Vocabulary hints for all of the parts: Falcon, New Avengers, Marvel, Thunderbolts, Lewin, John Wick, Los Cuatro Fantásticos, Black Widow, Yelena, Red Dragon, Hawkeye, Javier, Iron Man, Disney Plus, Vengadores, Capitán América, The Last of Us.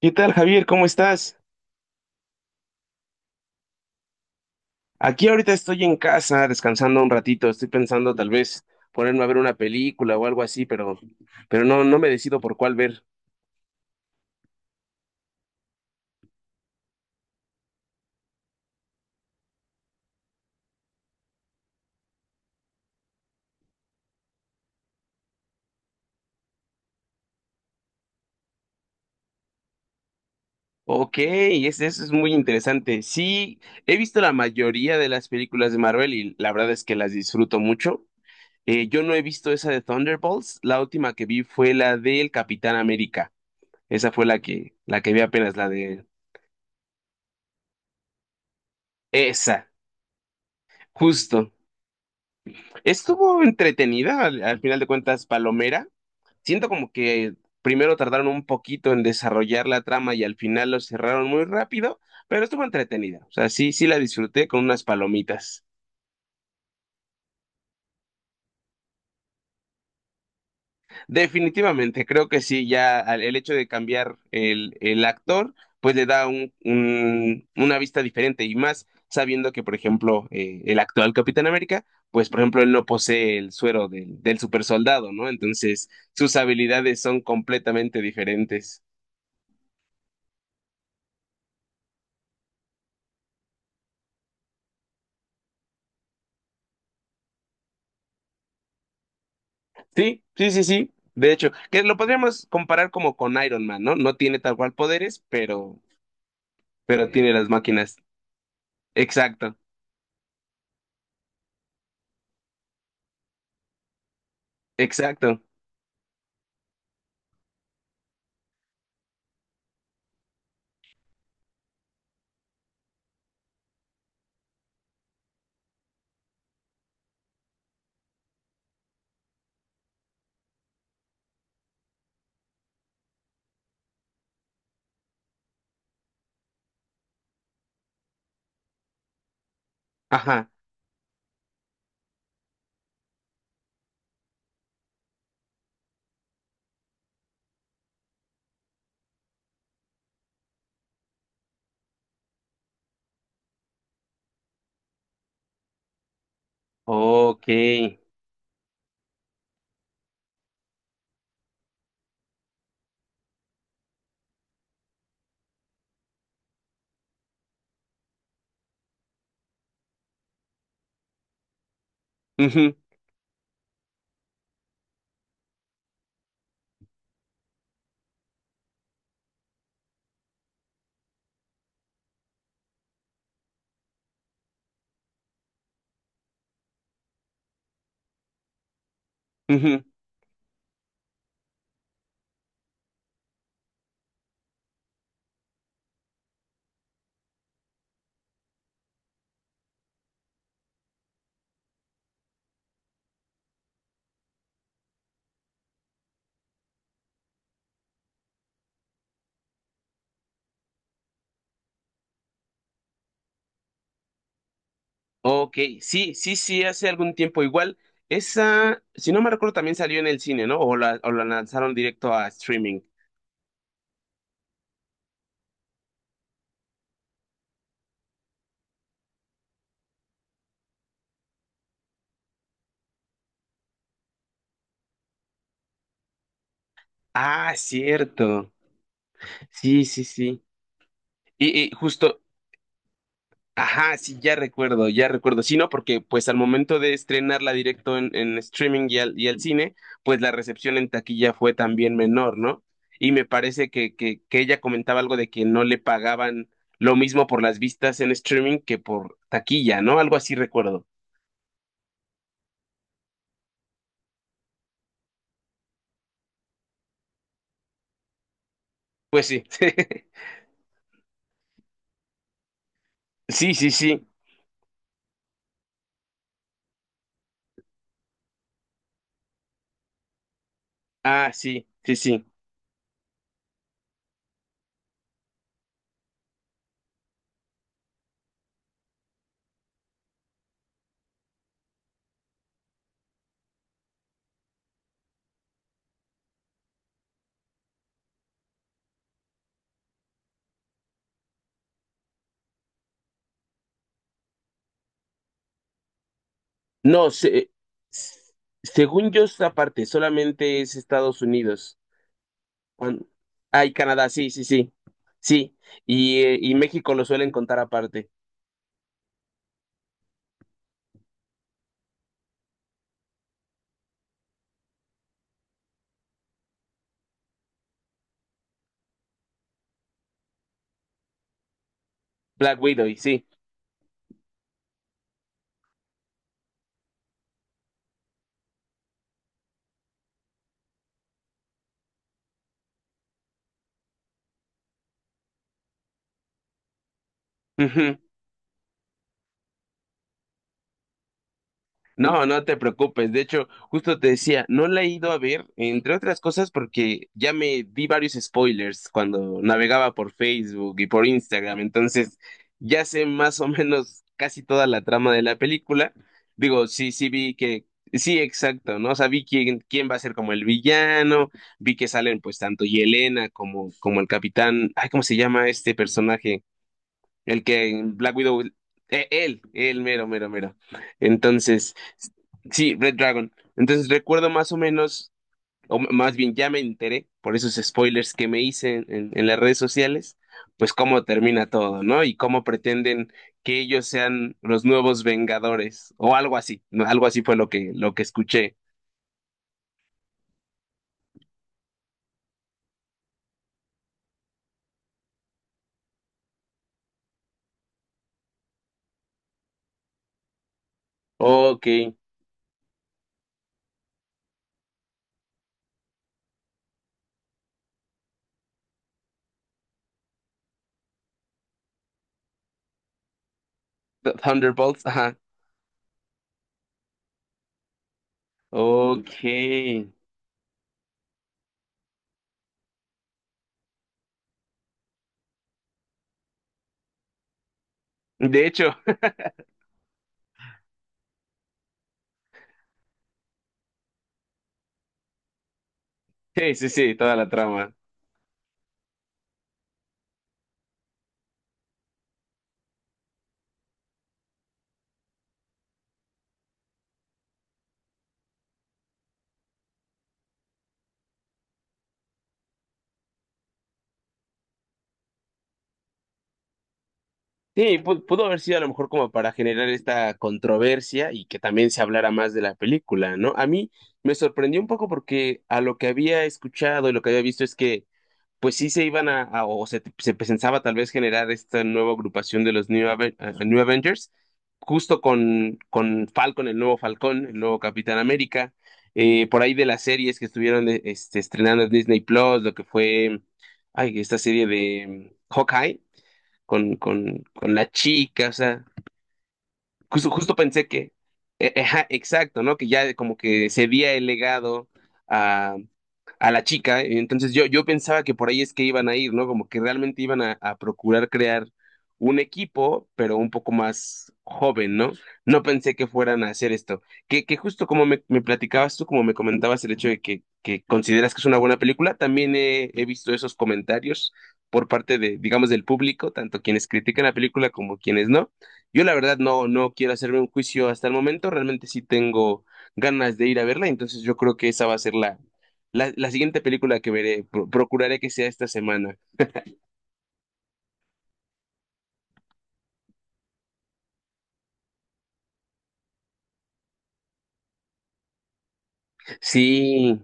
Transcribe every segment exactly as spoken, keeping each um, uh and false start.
¿Qué tal, Javier? ¿Cómo estás? Aquí ahorita estoy en casa descansando un ratito. Estoy pensando tal vez ponerme a ver una película o algo así, pero, pero no, no me decido por cuál ver. Ok, es- eso es muy interesante. Sí, he visto la mayoría de las películas de Marvel y la verdad es que las disfruto mucho. Eh, yo no he visto esa de Thunderbolts. La última que vi fue la del Capitán América. Esa fue la que, la que vi apenas, la de esa, justo. Estuvo entretenida, al al final de cuentas, Palomera siento como que primero tardaron un poquito en desarrollar la trama y al final lo cerraron muy rápido, pero estuvo entretenida. O sea, sí, sí la disfruté con unas palomitas. Definitivamente, creo que sí, ya al- el hecho de cambiar el, el, actor, pues le da un, un- una vista diferente y más sabiendo que, por ejemplo, eh, el actual Capitán América, pues, por ejemplo, él no posee el suero del, del super soldado, ¿no? Entonces, sus habilidades son completamente diferentes. Sí, sí, sí, sí. De hecho, que lo podríamos comparar como con Iron Man, ¿no? No tiene tal cual poderes, pero, pero sí, tiene las máquinas. Exacto, exacto. Ajá. Ok. Ujú, ujú. Ok, sí, sí, sí, hace algún tiempo igual. Esa, si no me recuerdo, también salió en el cine, ¿no? O la, o la lanzaron directo a streaming. Ah, cierto. Sí, sí, sí. Y, y justo. Ajá, sí, ya recuerdo, ya recuerdo. Sí, no, porque pues al momento de estrenarla directo en, en, streaming y al, y al cine, pues la recepción en taquilla fue también menor, ¿no? Y me parece que, que, que ella comentaba algo de que no le pagaban lo mismo por las vistas en streaming que por taquilla, ¿no? Algo así recuerdo. Pues sí, sí, sí, sí. Ah, sí, sí, sí. No, se- s- según yo, esta parte solamente es Estados Unidos. Ay, Ah, y Canadá, sí, sí, sí. Sí. Y, eh, y México lo suelen contar aparte. Black Widow, y sí. Ujú. No, no te preocupes. De hecho, justo te decía, no la he ido a ver, entre otras cosas, porque ya me vi varios spoilers cuando navegaba por Facebook y por Instagram. Entonces, ya sé más o menos casi toda la trama de la película. Digo, sí, sí vi que, sí, exacto, ¿no? O sea, vi quién, quién va a ser como el villano, vi que salen pues tanto Yelena como, como, el capitán, ay, ¿cómo se llama este personaje? El que en Black Widow, eh, él, él, mero, mero, mero. Entonces, sí, Red Dragon. Entonces recuerdo más o menos, o m- más bien ya me enteré por esos spoilers que me hice en, en- en las redes sociales, pues cómo termina todo, ¿no? Y cómo pretenden que ellos sean los nuevos Vengadores o algo así, ¿no? Algo así fue lo que, lo que escuché. Ok, Th- Thunderbolts, ajá. Ok. De hecho, sí, sí, sí, toda la trama. Sí, pu- pudo haber sido a lo mejor como para generar esta controversia y que también se hablara más de la película, ¿no? A mí me sorprendió un poco porque a lo que había escuchado y lo que había visto es que pues sí se iban a, a- o se, se pensaba tal vez generar esta nueva agrupación de los New, Aven- eh, New Avengers, justo con, con, Falcon, el nuevo Falcón, el nuevo Capitán América, eh, por ahí de las series que estuvieron eh, este, estrenando en Disney Plus, lo que fue, ay, esta serie de mm, Hawkeye con, con, con la chica, o sea, Justo, justo pensé que, eh, ajá, exacto, ¿no? Que ya como que se había el legado a, a la chica, y entonces yo, yo pensaba que por ahí es que iban a ir, ¿no? Como que realmente iban a, a procurar crear un equipo, pero un poco más joven, ¿no? No pensé que fueran a hacer esto. Que, que justo como me, me platicabas tú, como me comentabas el hecho de que, que consideras que es una buena película, también he, he visto esos comentarios por parte de, digamos, del público, tanto quienes critican la película como quienes no. Yo la verdad no, no quiero hacerme un juicio hasta el momento, realmente sí tengo ganas de ir a verla, entonces yo creo que esa va a ser la, la, la siguiente película que veré, Pro- procuraré que sea esta semana. Sí,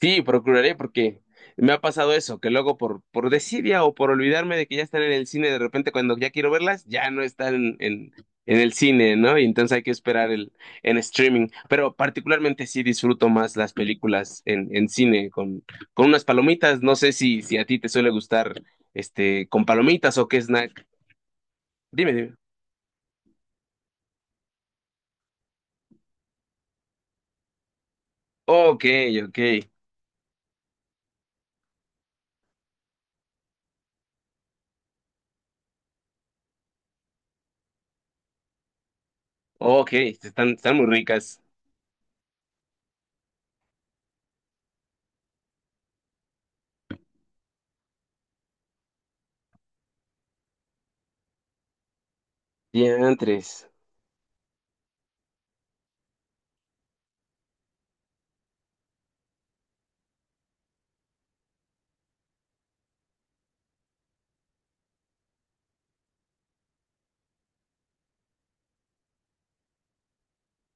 Sí, procuraré porque me ha pasado eso, que luego por, por desidia o por olvidarme de que ya están en el cine, de repente cuando ya quiero verlas, ya no están en, en, el cine, ¿no? Y entonces hay que esperar el, en streaming. Pero particularmente sí disfruto más las películas en, en, cine con, con unas palomitas. No sé si, si a ti te suele gustar este con palomitas o qué snack. Dime, dime. Ok, ok, ok, están, están muy ricas. Diantres.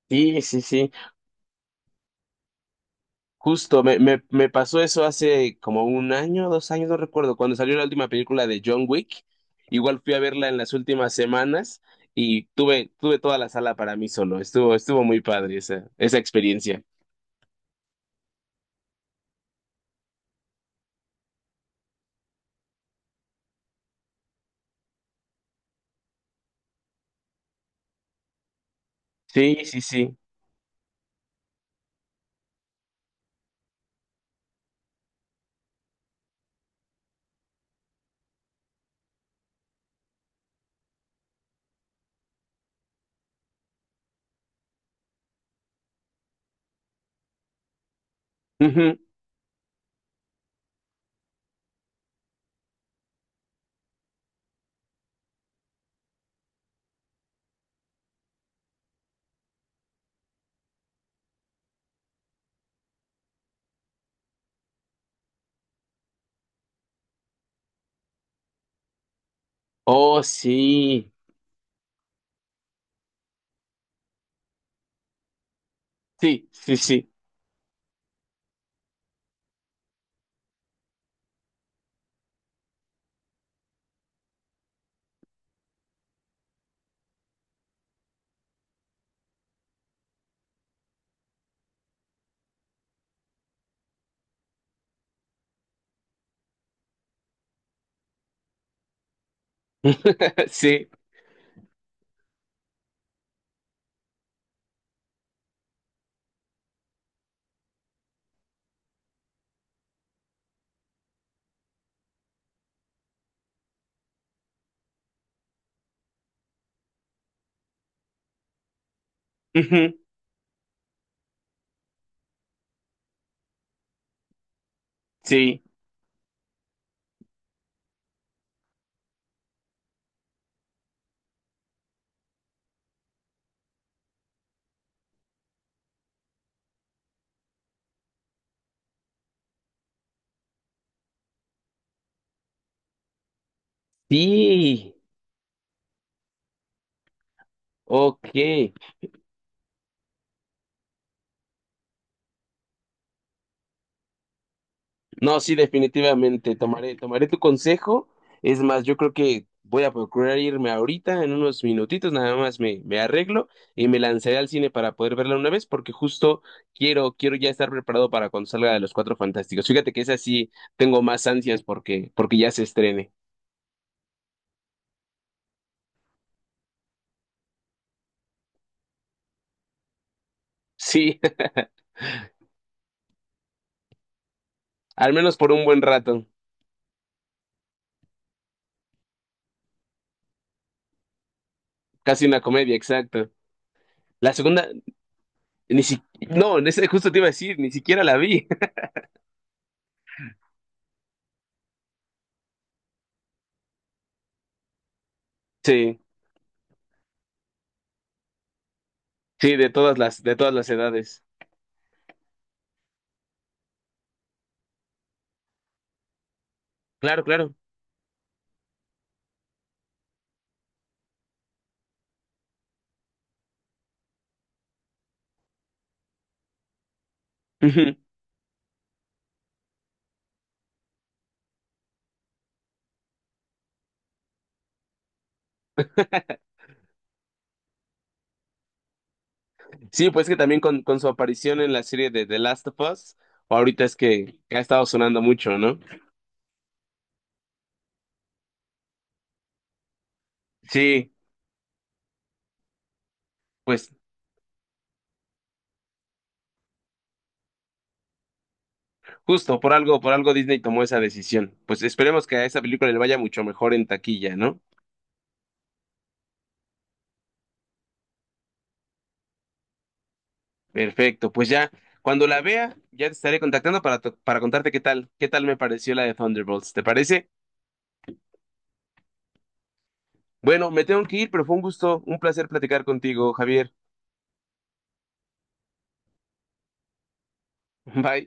Sí, sí, sí. Justo, me, me, me pasó eso hace como un año, dos años, no recuerdo, cuando salió la última película de John Wick. Igual fui a verla en las últimas semanas y tuve, tuve toda la sala para mí solo. Estuvo, estuvo muy padre esa, esa experiencia. Sí, sí, sí. Ujú. Oh, sí. Sí, sí, sí. Sí. Ujú. Sí. Sí. Ok. No, sí, definitivamente, tomaré, tomaré tu consejo. Es más, yo creo que voy a procurar irme ahorita, en unos minutitos, nada más me, me arreglo y me lanzaré al cine para poder verla una vez, porque justo quiero, quiero ya estar preparado para cuando salga de Los Cuatro Fantásticos. Fíjate que esa sí tengo más ansias porque, porque ya se estrene. Sí, al menos por un buen rato. Casi una comedia, exacto. La segunda, ni si, no, en ese- justo te iba a decir, ni siquiera la vi. Sí, sí, de todas las, de todas las, edades. Claro, claro. Ujú. Sí, pues que también con, con su aparición en la serie de The Last of Us, ahorita es que ha estado sonando mucho, ¿no? Sí, pues justo por algo, por algo Disney tomó esa decisión. Pues esperemos que a esa película le vaya mucho mejor en taquilla, ¿no? Perfecto, pues ya, cuando la vea, ya te estaré contactando para, to- para contarte qué tal, qué tal me pareció la de Thunderbolts, ¿te parece? Bueno, me tengo que ir, pero fue un gusto, un placer platicar contigo, Javier. Bye.